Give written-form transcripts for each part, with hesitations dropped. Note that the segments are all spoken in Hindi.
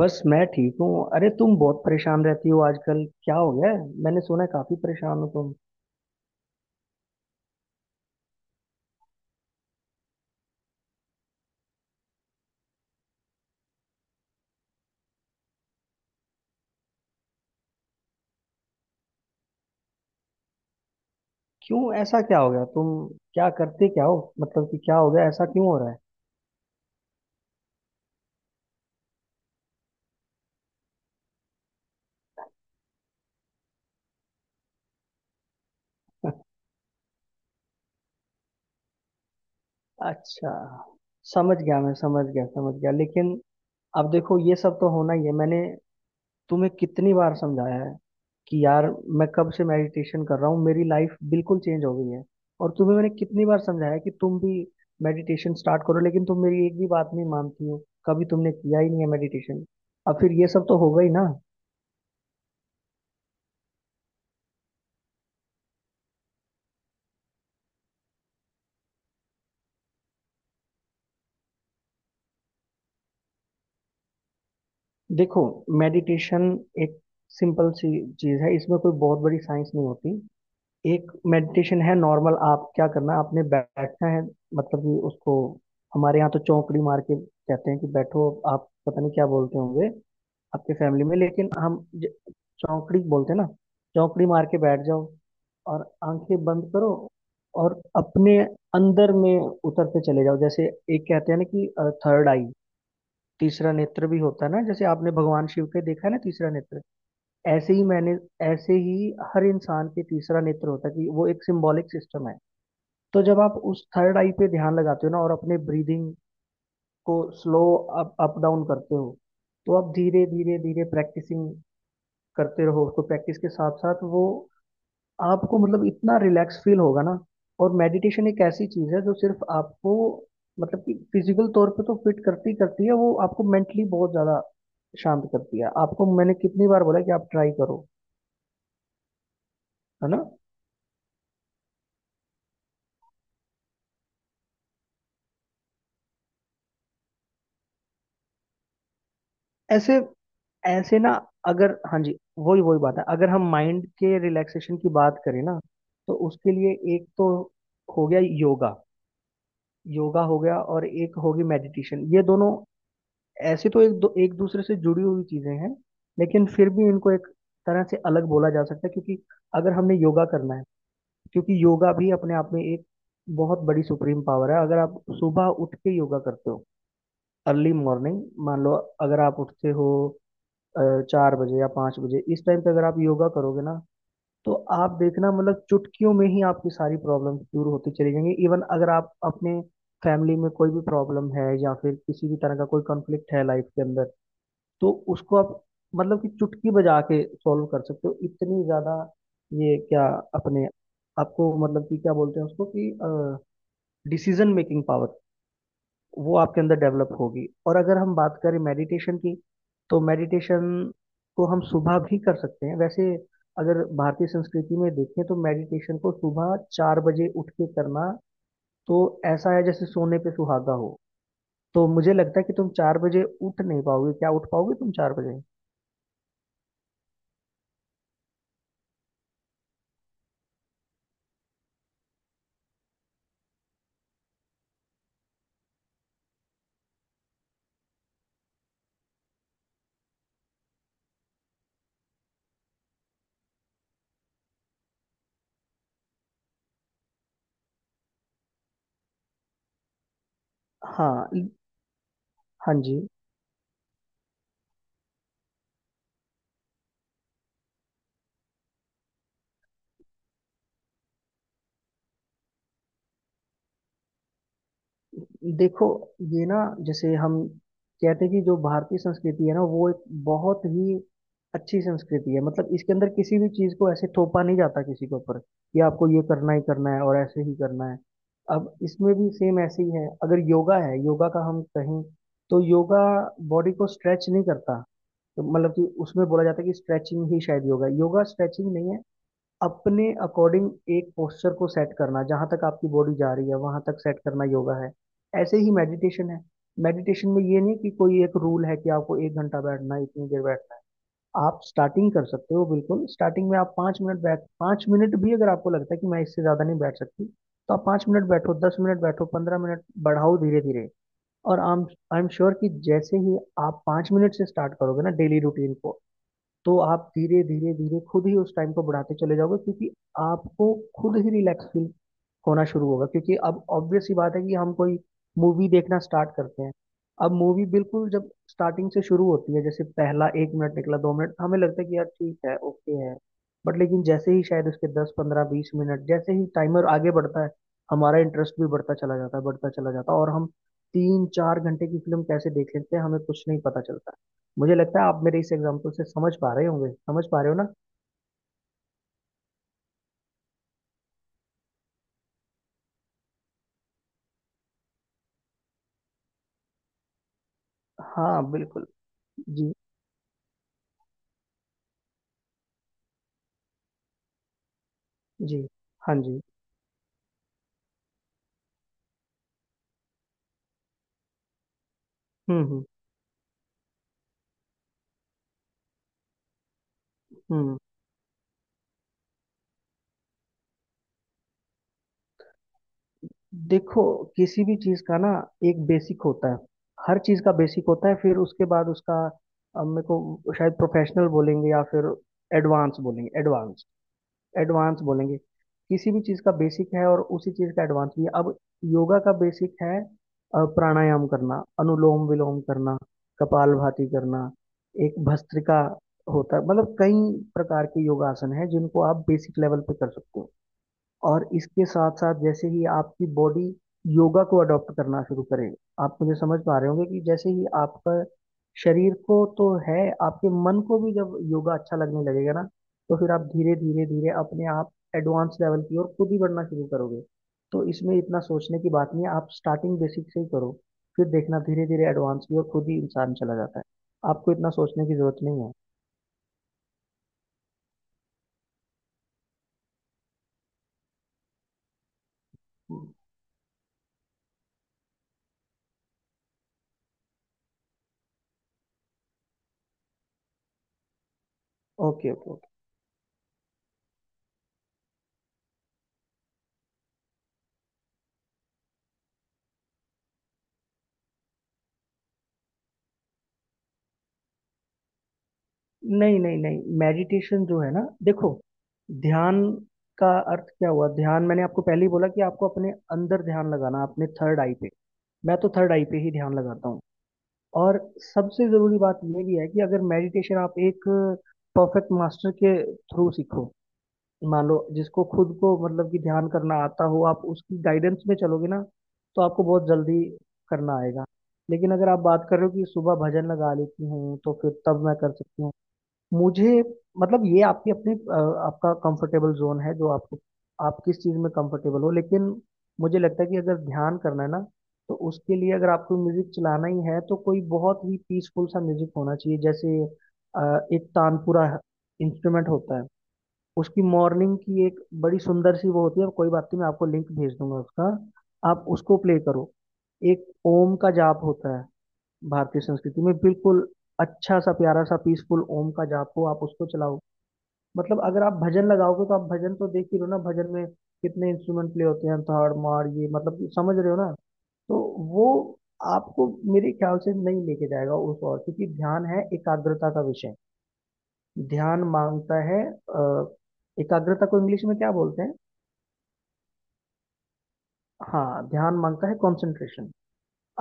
बस मैं ठीक हूँ। अरे तुम बहुत परेशान रहती हो आजकल, क्या हो गया है? मैंने सुना है काफी परेशान हो तुम। क्यों ऐसा क्या हो गया तुम, क्या करते क्या हो, मतलब कि क्या हो गया, ऐसा क्यों हो रहा है? अच्छा, समझ गया, मैं समझ गया, समझ गया, लेकिन अब देखो ये सब तो होना ही है। मैंने तुम्हें कितनी बार समझाया है कि यार मैं कब से मेडिटेशन कर रहा हूँ, मेरी लाइफ बिल्कुल चेंज हो गई है। और तुम्हें मैंने कितनी बार समझाया है कि तुम भी मेडिटेशन स्टार्ट करो, लेकिन तुम मेरी एक भी बात नहीं मानती हो। कभी तुमने किया ही नहीं है मेडिटेशन। अब फिर ये सब तो होगा ही ना। देखो, मेडिटेशन एक सिंपल सी चीज है, इसमें कोई बहुत बड़ी साइंस नहीं होती। एक मेडिटेशन है नॉर्मल, आप क्या करना है, आपने बैठना है। मतलब कि उसको हमारे यहाँ तो चौकड़ी मार के कहते हैं कि बैठो। आप पता नहीं क्या बोलते होंगे आपके फैमिली में, लेकिन हम ज- चौकड़ी बोलते हैं ना। चौकड़ी मार के बैठ जाओ, और आंखें बंद करो, और अपने अंदर में उतरते चले जाओ। जैसे एक कहते हैं ना कि थर्ड आई, तीसरा नेत्र भी होता है ना, जैसे आपने भगवान शिव के देखा है ना तीसरा नेत्र। ऐसे ही मैंने ऐसे ही हर इंसान के तीसरा नेत्र होता है, कि वो एक सिंबॉलिक सिस्टम है। तो जब आप उस थर्ड आई पे ध्यान लगाते हो ना, और अपने ब्रीदिंग को स्लो अप अप डाउन करते हो, तो आप धीरे धीरे धीरे प्रैक्टिसिंग करते रहो। उसको प्रैक्टिस के साथ साथ वो आपको मतलब इतना रिलैक्स फील होगा ना। और मेडिटेशन एक ऐसी चीज है जो सिर्फ आपको मतलब कि फिजिकल तौर पे तो फिट करती ही करती है, वो आपको मेंटली बहुत ज्यादा शांत करती है। आपको मैंने कितनी बार बोला कि आप ट्राई करो, है ना? ऐसे, ऐसे ना, अगर हाँ जी, वही वही बात है। अगर हम माइंड के रिलैक्सेशन की बात करें ना, तो उसके लिए एक तो हो गया योगा। योगा हो गया, और एक होगी मेडिटेशन। ये दोनों ऐसी तो एक दूसरे से जुड़ी हुई चीजें हैं। लेकिन फिर भी इनको एक तरह से अलग बोला जा सकता है, क्योंकि अगर हमने योगा करना है। क्योंकि योगा भी अपने आप में एक बहुत बड़ी सुप्रीम पावर है। अगर आप सुबह उठ के योगा करते हो अर्ली मॉर्निंग, मान लो अगर आप उठते हो 4 बजे या 5 बजे, इस टाइम पे अगर आप योगा करोगे ना, तो आप देखना, मतलब चुटकियों में ही आपकी सारी प्रॉब्लम दूर होती चली जाएंगी। इवन अगर आप अपने फैमिली में कोई भी प्रॉब्लम है, या फिर किसी भी तरह का कोई कॉन्फ्लिक्ट है लाइफ के अंदर, तो उसको आप मतलब कि चुटकी बजा के सॉल्व कर सकते हो। इतनी ज्यादा ये क्या अपने आपको मतलब कि क्या बोलते हैं उसको, कि डिसीजन मेकिंग पावर वो आपके अंदर डेवलप होगी। और अगर हम बात करें मेडिटेशन की, तो मेडिटेशन को हम सुबह भी कर सकते हैं वैसे। अगर भारतीय संस्कृति में देखें, तो मेडिटेशन को सुबह 4 बजे उठ के करना तो ऐसा है जैसे सोने पे सुहागा हो। तो मुझे लगता है कि तुम 4 बजे उठ नहीं पाओगे, क्या उठ पाओगे तुम 4 बजे? हाँ, हाँ जी। देखो ये ना, जैसे हम कहते हैं कि जो भारतीय संस्कृति है ना, वो एक बहुत ही अच्छी संस्कृति है। मतलब इसके अंदर किसी भी चीज़ को ऐसे थोपा नहीं जाता किसी के ऊपर, कि आपको ये करना ही करना है और ऐसे ही करना है। अब इसमें भी सेम ऐसे ही है। अगर योगा है, योगा का हम कहें, तो योगा बॉडी को स्ट्रेच नहीं करता। तो मतलब कि उसमें बोला जाता है कि स्ट्रेचिंग ही शायद योगा है, योगा स्ट्रेचिंग नहीं है। अपने अकॉर्डिंग एक पोस्चर को सेट करना, जहां तक आपकी बॉडी जा रही है वहां तक सेट करना योगा है। ऐसे ही मेडिटेशन है। मेडिटेशन में ये नहीं कि कोई एक रूल है कि आपको एक घंटा बैठना है, इतनी देर बैठना है। आप स्टार्टिंग कर सकते हो बिल्कुल, स्टार्टिंग में आप 5 मिनट बैठ, 5 मिनट भी अगर आपको लगता है कि मैं इससे ज़्यादा नहीं बैठ सकती, तो आप 5 मिनट बैठो, 10 मिनट बैठो, 15 मिनट, बढ़ाओ धीरे धीरे। और आई एम श्योर कि जैसे ही आप 5 मिनट से स्टार्ट करोगे ना डेली रूटीन को, तो आप धीरे धीरे धीरे खुद ही उस टाइम को बढ़ाते चले जाओगे, क्योंकि आपको खुद ही रिलैक्स फील होना शुरू होगा। क्योंकि अब ऑब्वियस सी बात है कि हम कोई मूवी देखना स्टार्ट करते हैं। अब मूवी बिल्कुल जब स्टार्टिंग से शुरू होती है, जैसे पहला 1 मिनट निकला, 2 मिनट, हमें लगता है कि यार ठीक है, ओके है। बट लेकिन जैसे ही शायद उसके 10 15 20 मिनट, जैसे ही टाइमर आगे बढ़ता है, हमारा इंटरेस्ट भी बढ़ता चला जाता है, बढ़ता चला जाता है। और हम 3 4 घंटे की फिल्म कैसे देख लेते हैं, हमें कुछ नहीं पता चलता। मुझे लगता है आप मेरे इस एग्जाम्पल से समझ पा रहे होंगे, समझ पा रहे हो ना? हाँ बिल्कुल। जी जी, हाँ जी। हम्म हम्म हम्म। देखो, किसी भी चीज का ना एक बेसिक होता है, हर चीज का बेसिक होता है, फिर उसके बाद उसका अब मेरे को शायद प्रोफेशनल बोलेंगे, या फिर एडवांस बोलेंगे। एडवांस, एडवांस बोलेंगे, किसी भी चीज़ का बेसिक है और उसी चीज़ का एडवांस भी है। अब योगा का बेसिक है प्राणायाम करना, अनुलोम विलोम करना, कपालभाति करना, एक भस्त्रिका होता है। मतलब कई प्रकार के योगासन है, जिनको आप बेसिक लेवल पे कर सकते हो। और इसके साथ साथ जैसे ही आपकी बॉडी योगा को अडॉप्ट करना शुरू करे, आप मुझे समझ पा रहे होंगे कि जैसे ही आपका शरीर को तो है, आपके मन को भी जब योगा अच्छा लगने लगेगा ना, तो फिर आप धीरे धीरे धीरे अपने आप एडवांस लेवल की ओर खुद ही बढ़ना शुरू करोगे। तो इसमें इतना सोचने की बात नहीं है, आप स्टार्टिंग बेसिक से ही करो, फिर देखना धीरे धीरे एडवांस की ओर खुद ही इंसान चला जाता है। आपको इतना सोचने की जरूरत नहीं है। Okay okay. नहीं नहीं नहीं, मेडिटेशन जो है ना, देखो ध्यान का अर्थ क्या हुआ। ध्यान, मैंने आपको पहले ही बोला कि आपको अपने अंदर ध्यान लगाना, अपने थर्ड आई पे। मैं तो थर्ड आई पे ही ध्यान लगाता हूँ। और सबसे जरूरी बात यह भी है कि अगर मेडिटेशन आप एक परफेक्ट मास्टर के थ्रू सीखो, मान लो जिसको खुद को मतलब कि ध्यान करना आता हो, आप उसकी गाइडेंस में चलोगे ना, तो आपको बहुत जल्दी करना आएगा। लेकिन अगर आप बात कर रहे हो कि सुबह भजन लगा लेती हूँ तो फिर तब मैं कर सकती हूँ, मुझे मतलब ये आपकी अपनी आपका कंफर्टेबल जोन है, जो आपको आप किस चीज़ में कंफर्टेबल हो। लेकिन मुझे लगता है कि अगर ध्यान करना है ना, तो उसके लिए अगर आपको म्यूजिक चलाना ही है, तो कोई बहुत ही पीसफुल सा म्यूजिक होना चाहिए, जैसे एक तानपुरा इंस्ट्रूमेंट होता है। उसकी मॉर्निंग की एक बड़ी सुंदर सी वो होती है, कोई बात नहीं, मैं आपको लिंक भेज दूंगा उसका, आप उसको प्ले करो। एक ओम का जाप होता है भारतीय संस्कृति में, बिल्कुल अच्छा सा प्यारा सा पीसफुल ओम का जाप हो, आप उसको चलाओ। मतलब अगर आप भजन लगाओगे, तो आप भजन तो देख ही रहे हो ना, भजन में कितने इंस्ट्रूमेंट प्ले होते हैं, थाड़ मार ये, मतलब समझ रहे हो ना? तो वो आपको मेरे ख्याल से नहीं लेके जाएगा उस ओर, क्योंकि ध्यान है एकाग्रता का विषय। ध्यान मांगता है एकाग्रता को इंग्लिश में क्या बोलते हैं? हाँ, ध्यान मांगता है कंसंट्रेशन।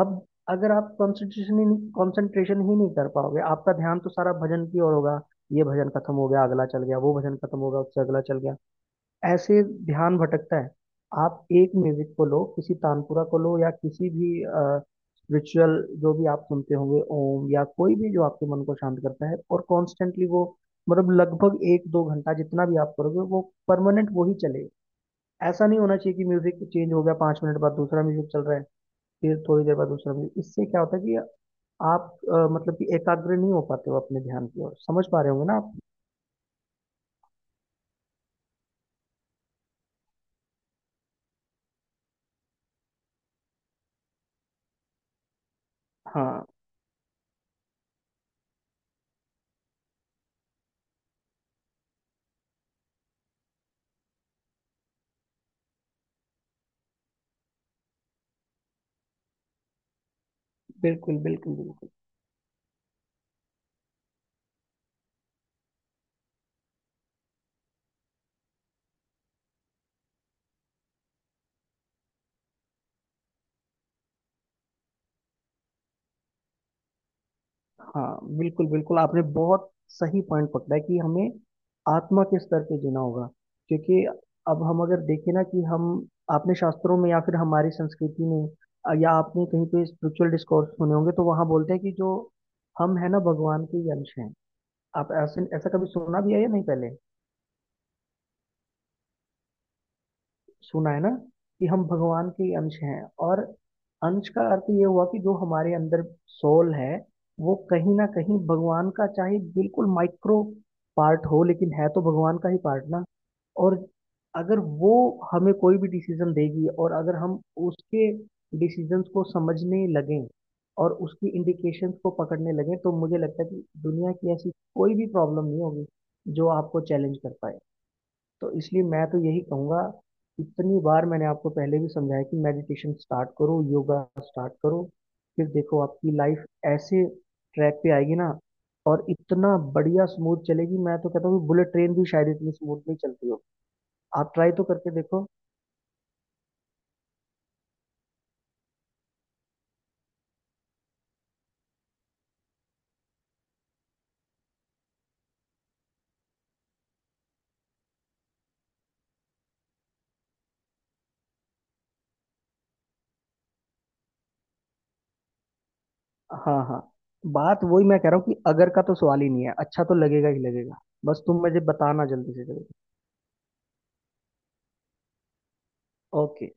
अब अगर आप कंसंट्रेशन ही नहीं कर पाओगे, आपका ध्यान तो सारा भजन की ओर होगा। ये भजन खत्म हो गया अगला चल गया, वो भजन खत्म हो गया उससे अगला चल गया, ऐसे ध्यान भटकता है। आप एक म्यूजिक को लो, किसी तानपुरा को लो, या किसी भी रिचुअल, जो भी आप सुनते होंगे, ओम या कोई भी जो आपके मन को शांत करता है, और कॉन्स्टेंटली वो मतलब लगभग 1 2 घंटा जितना भी आप करोगे, वो परमानेंट वही चलेगा। ऐसा नहीं होना चाहिए कि म्यूजिक चेंज हो गया, 5 मिनट बाद दूसरा म्यूजिक चल रहा है, फिर थोड़ी देर बाद दूसरा भी। इससे क्या होता है कि आप मतलब कि एकाग्र नहीं हो पाते हो अपने ध्यान की ओर, समझ पा रहे होंगे ना आप? हाँ बिल्कुल, बिल्कुल बिल्कुल। हाँ बिल्कुल बिल्कुल, आपने बहुत सही पॉइंट पकड़ा है कि हमें आत्मा के स्तर पे जीना होगा। क्योंकि अब हम अगर देखें ना, कि हम अपने शास्त्रों में, या फिर हमारी संस्कृति में या आपने कहीं पे स्पिरिचुअल डिस्कोर्स सुने होंगे, तो वहाँ बोलते हैं कि जो हम है ना, भगवान के ही अंश हैं। आप ऐसे ऐसा कभी सुना भी है या नहीं पहले? सुना है ना कि हम भगवान के अंश हैं। और अंश का अर्थ ये हुआ कि जो हमारे अंदर सोल है, वो कहीं ना कहीं भगवान का, चाहे बिल्कुल माइक्रो पार्ट हो, लेकिन है तो भगवान का ही पार्ट ना। और अगर वो हमें कोई भी डिसीजन देगी, और अगर हम उसके डिसीजंस को समझने लगें और उसकी इंडिकेशंस को पकड़ने लगें, तो मुझे लगता है कि दुनिया की ऐसी कोई भी प्रॉब्लम नहीं होगी जो आपको चैलेंज कर पाए। तो इसलिए मैं तो यही कहूँगा, इतनी बार मैंने आपको पहले भी समझाया कि मेडिटेशन स्टार्ट करो, योगा स्टार्ट करो, फिर देखो आपकी लाइफ ऐसे ट्रैक पे आएगी ना, और इतना बढ़िया स्मूथ चलेगी। मैं तो कहता हूँ बुलेट ट्रेन भी शायद इतनी स्मूथ नहीं चलती हो। आप ट्राई तो करके देखो। हाँ हाँ। बात वही मैं कह रहा हूँ कि अगर का तो सवाल ही नहीं है, अच्छा तो लगेगा ही लगेगा। बस तुम मुझे बताना जल्दी से जल्दी। ओके।